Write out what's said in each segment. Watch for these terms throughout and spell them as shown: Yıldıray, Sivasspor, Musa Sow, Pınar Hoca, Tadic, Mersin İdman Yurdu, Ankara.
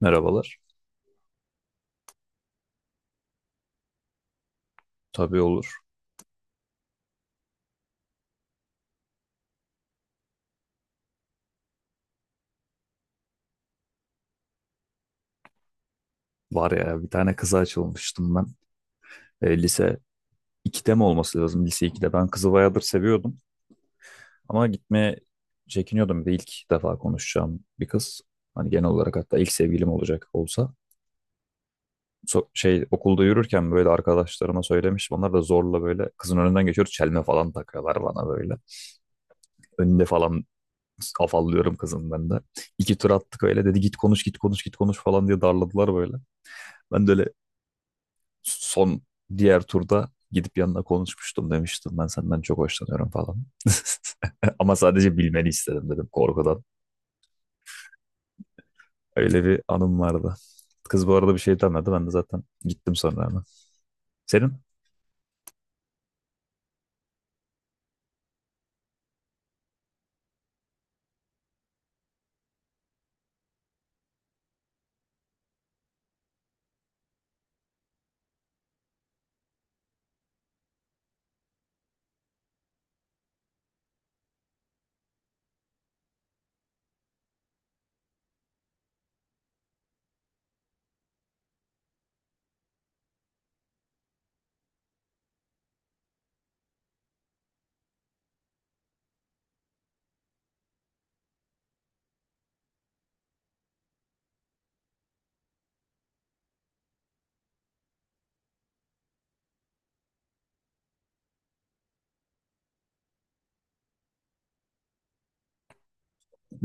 Merhabalar. Tabii olur. Var ya bir tane kıza açılmıştım ben. Lise 2'de mi olması lazım? Lise 2'de. Ben kızı bayağıdır seviyordum. Ama gitmeye çekiniyordum. Bir de ilk defa konuşacağım bir kız. Hani genel olarak hatta ilk sevgilim olacak olsa. Okulda yürürken böyle arkadaşlarıma söylemiştim. Onlar da zorla böyle kızın önünden geçiyor. Çelme falan takıyorlar bana böyle. Önünde falan afallıyorum kızın ben de. İki tur attık öyle. Dedi git konuş git konuş git konuş falan diye darladılar böyle. Ben de öyle son diğer turda gidip yanına konuşmuştum demiştim. Ben senden çok hoşlanıyorum falan. Ama sadece bilmeni istedim dedim korkudan. Öyle bir anım vardı. Kız bu arada bir şey demedi. Ben de zaten gittim sonra hemen. Senin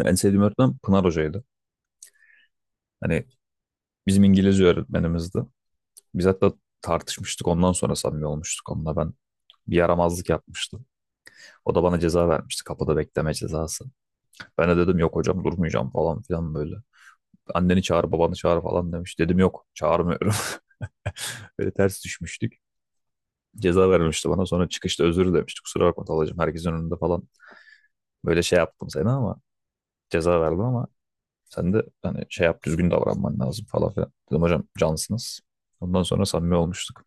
en sevdiğim öğretmen Pınar Hoca'ydı. Hani bizim İngilizce öğretmenimizdi. Biz hatta tartışmıştık. Ondan sonra samimi olmuştuk. Onunla ben bir yaramazlık yapmıştım. O da bana ceza vermişti. Kapıda bekleme cezası. Ben de dedim yok hocam durmayacağım falan filan böyle. Anneni çağır, babanı çağır falan demiş. Dedim yok, çağırmıyorum. Böyle ters düşmüştük. Ceza vermişti bana. Sonra çıkışta özür demişti. Kusura bakma Talacığım, herkesin önünde falan. Böyle şey yaptım seni ama ceza verdim ama sen de hani şey yap, düzgün davranman lazım falan filan. Dedim hocam cansınız. Ondan sonra samimi olmuştuk.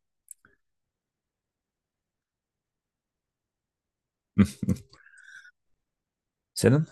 Senin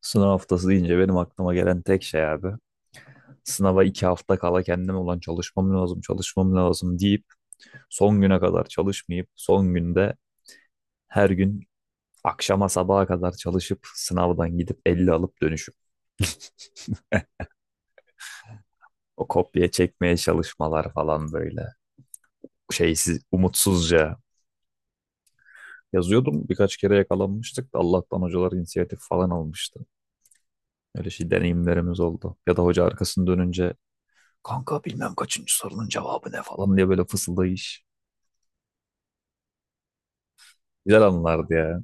sınav haftası deyince benim aklıma gelen tek şey abi. Sınava 2 hafta kala kendime olan çalışmam lazım, çalışmam lazım deyip son güne kadar çalışmayıp son günde her gün akşama sabaha kadar çalışıp sınavdan gidip 50 alıp dönüşüp o kopya çekmeye çalışmalar falan böyle şeysiz umutsuzca yazıyordum. Birkaç kere yakalanmıştık da Allah'tan hocalar inisiyatif falan almıştı. Öyle şey deneyimlerimiz oldu. Ya da hoca arkasını dönünce kanka bilmem kaçıncı sorunun cevabı ne falan diye böyle fısıldayış. Güzel anlardı ya.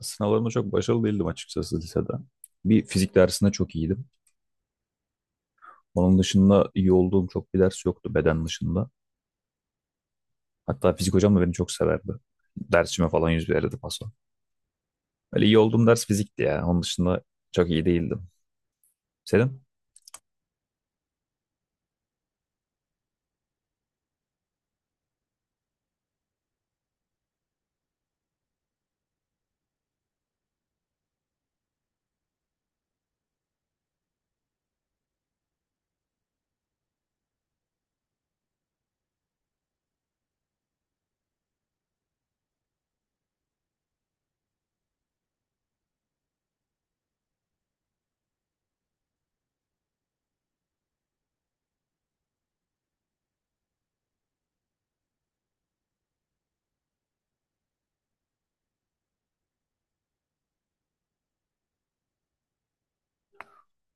Sınavlarımda çok başarılı değildim açıkçası lisede. Bir fizik dersinde çok iyiydim. Onun dışında iyi olduğum çok bir ders yoktu beden dışında. Hatta fizik hocam da beni çok severdi. Dersime falan yüz verirdi paso. Öyle iyi olduğum ders fizikti ya. Onun dışında çok iyi değildim. Senin?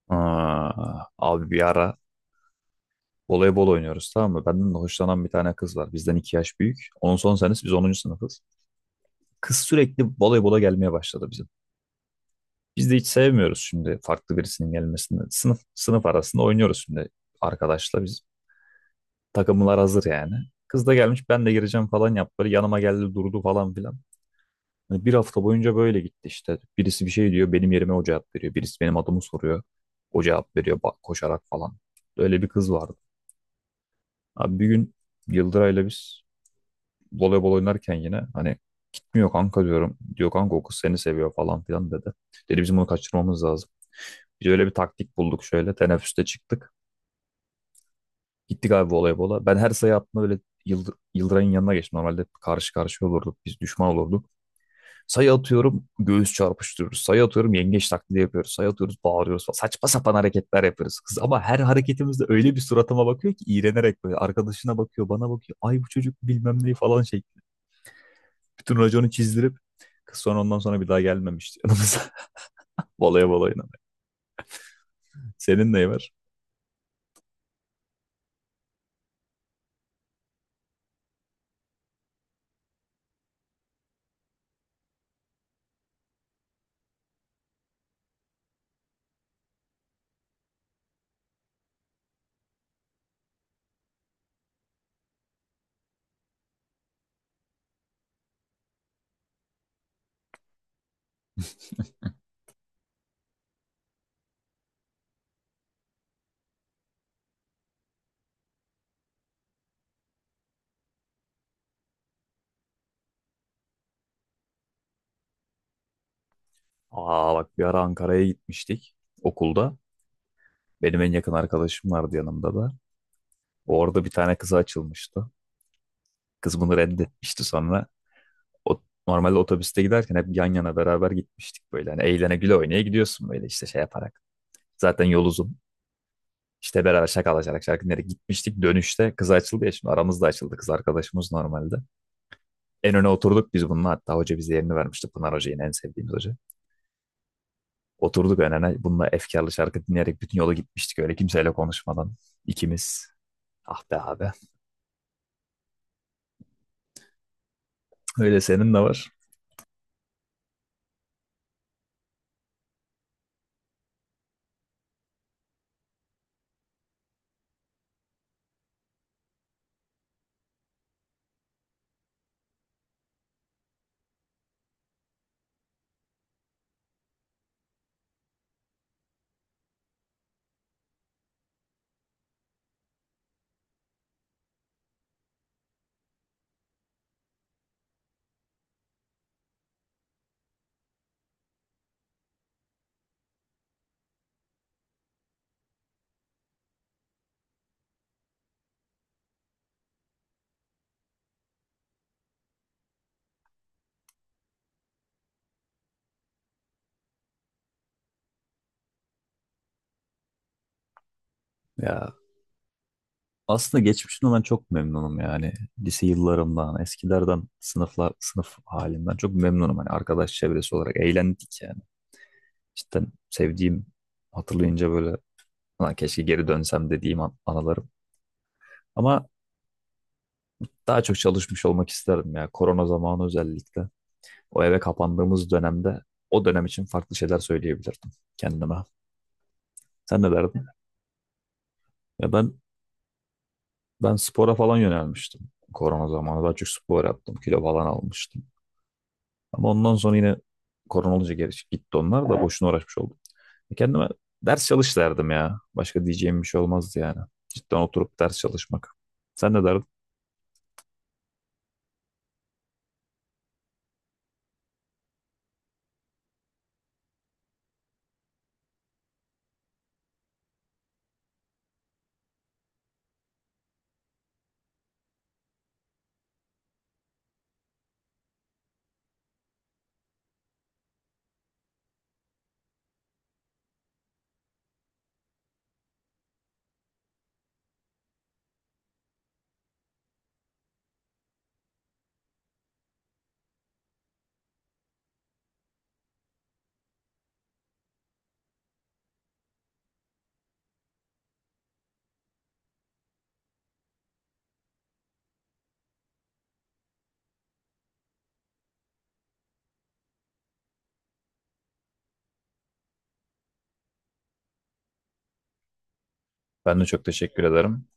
Aa, abi bir ara voleybol oynuyoruz tamam mı? Benden de hoşlanan bir tane kız var. Bizden 2 yaş büyük. Onun son senesi biz onuncu sınıfız. Kız sürekli voleybola gelmeye başladı bizim. Biz de hiç sevmiyoruz şimdi farklı birisinin gelmesini. Sınıf sınıf arasında oynuyoruz şimdi arkadaşla biz. Takımlar hazır yani. Kız da gelmiş ben de gireceğim falan yaptı. Böyle yanıma geldi durdu falan filan. Hani bir hafta boyunca böyle gitti işte. Birisi bir şey diyor, benim yerime o cevap veriyor. Birisi benim adımı soruyor, o cevap veriyor koşarak falan. Öyle bir kız vardı. Abi bir gün Yıldıray'la biz voleybol oynarken yine hani gitmiyor kanka diyorum. Diyor kanka o kız seni seviyor falan filan dedi. Dedi bizim bunu kaçırmamız lazım. Biz öyle bir taktik bulduk şöyle. Teneffüste çıktık. Gittik abi voleybola. Ben her sayı attığımda böyle Yıldıray'ın yanına geçtim. Normalde karşı karşıya olurduk. Biz düşman olurduk. Sayı atıyorum göğüs çarpıştırıyoruz. Sayı atıyorum yengeç taklidi yapıyoruz. Sayı atıyoruz bağırıyoruz falan. Saçma sapan hareketler yapıyoruz. Kız ama her hareketimizde öyle bir suratıma bakıyor ki iğrenerek böyle. Arkadaşına bakıyor bana bakıyor. Ay bu çocuk bilmem neyi falan şey. Bütün raconu çizdirip kız ondan sonra bir daha gelmemişti yanımıza. Volaya balayına senin neyi var? Aa bak bir ara Ankara'ya gitmiştik okulda. Benim en yakın arkadaşım vardı yanımda da. Orada bir tane kıza açılmıştı. Kız bunu reddetmişti sonra. O, normalde otobüste giderken hep yan yana beraber gitmiştik böyle. Hani eğlene güle oynaya gidiyorsun böyle işte şey yaparak. Zaten yol uzun. İşte beraber şakalaşarak şarkı dinleyerek gitmiştik. Dönüşte kız açıldı ya şimdi aramızda açıldı kız arkadaşımız normalde. En öne oturduk biz bununla hatta hoca bize yerini vermişti. Pınar Hoca yine en sevdiğimiz hoca. Oturduk en öne bununla efkarlı şarkı dinleyerek bütün yolu gitmiştik öyle kimseyle konuşmadan. İkimiz. Ah be abi. Öyle senin de var. Ya aslında geçmişten olan çok memnunum yani. Lise yıllarımdan, eskilerden, sınıflar, sınıf halimden çok memnunum. Hani arkadaş çevresi olarak eğlendik yani. Cidden sevdiğim, hatırlayınca böyle "Ulan keşke geri dönsem" dediğim anılarım. Ama daha çok çalışmış olmak isterdim ya. Korona zamanı özellikle. O eve kapandığımız dönemde o dönem için farklı şeyler söyleyebilirdim kendime. Sen ne derdin? Ya ben spora falan yönelmiştim. Korona zamanı daha çok spor yaptım. Kilo falan almıştım. Ama ondan sonra yine korona olunca geri gitti onlar da boşuna uğraşmış oldum. Kendime ders çalış derdim ya. Başka diyeceğim bir şey olmazdı yani. Cidden oturup ders çalışmak. Sen ne derdin? Ben de çok teşekkür ederim.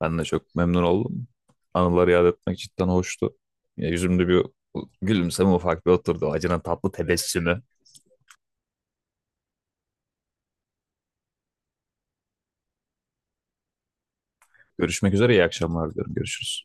Ben de çok memnun oldum. Anıları yad etmek cidden hoştu. Ya yüzümde bir gülümseme ufak bir oturdu. Acının tatlı tebessümü. Görüşmek üzere iyi akşamlar diyorum. Görüşürüz.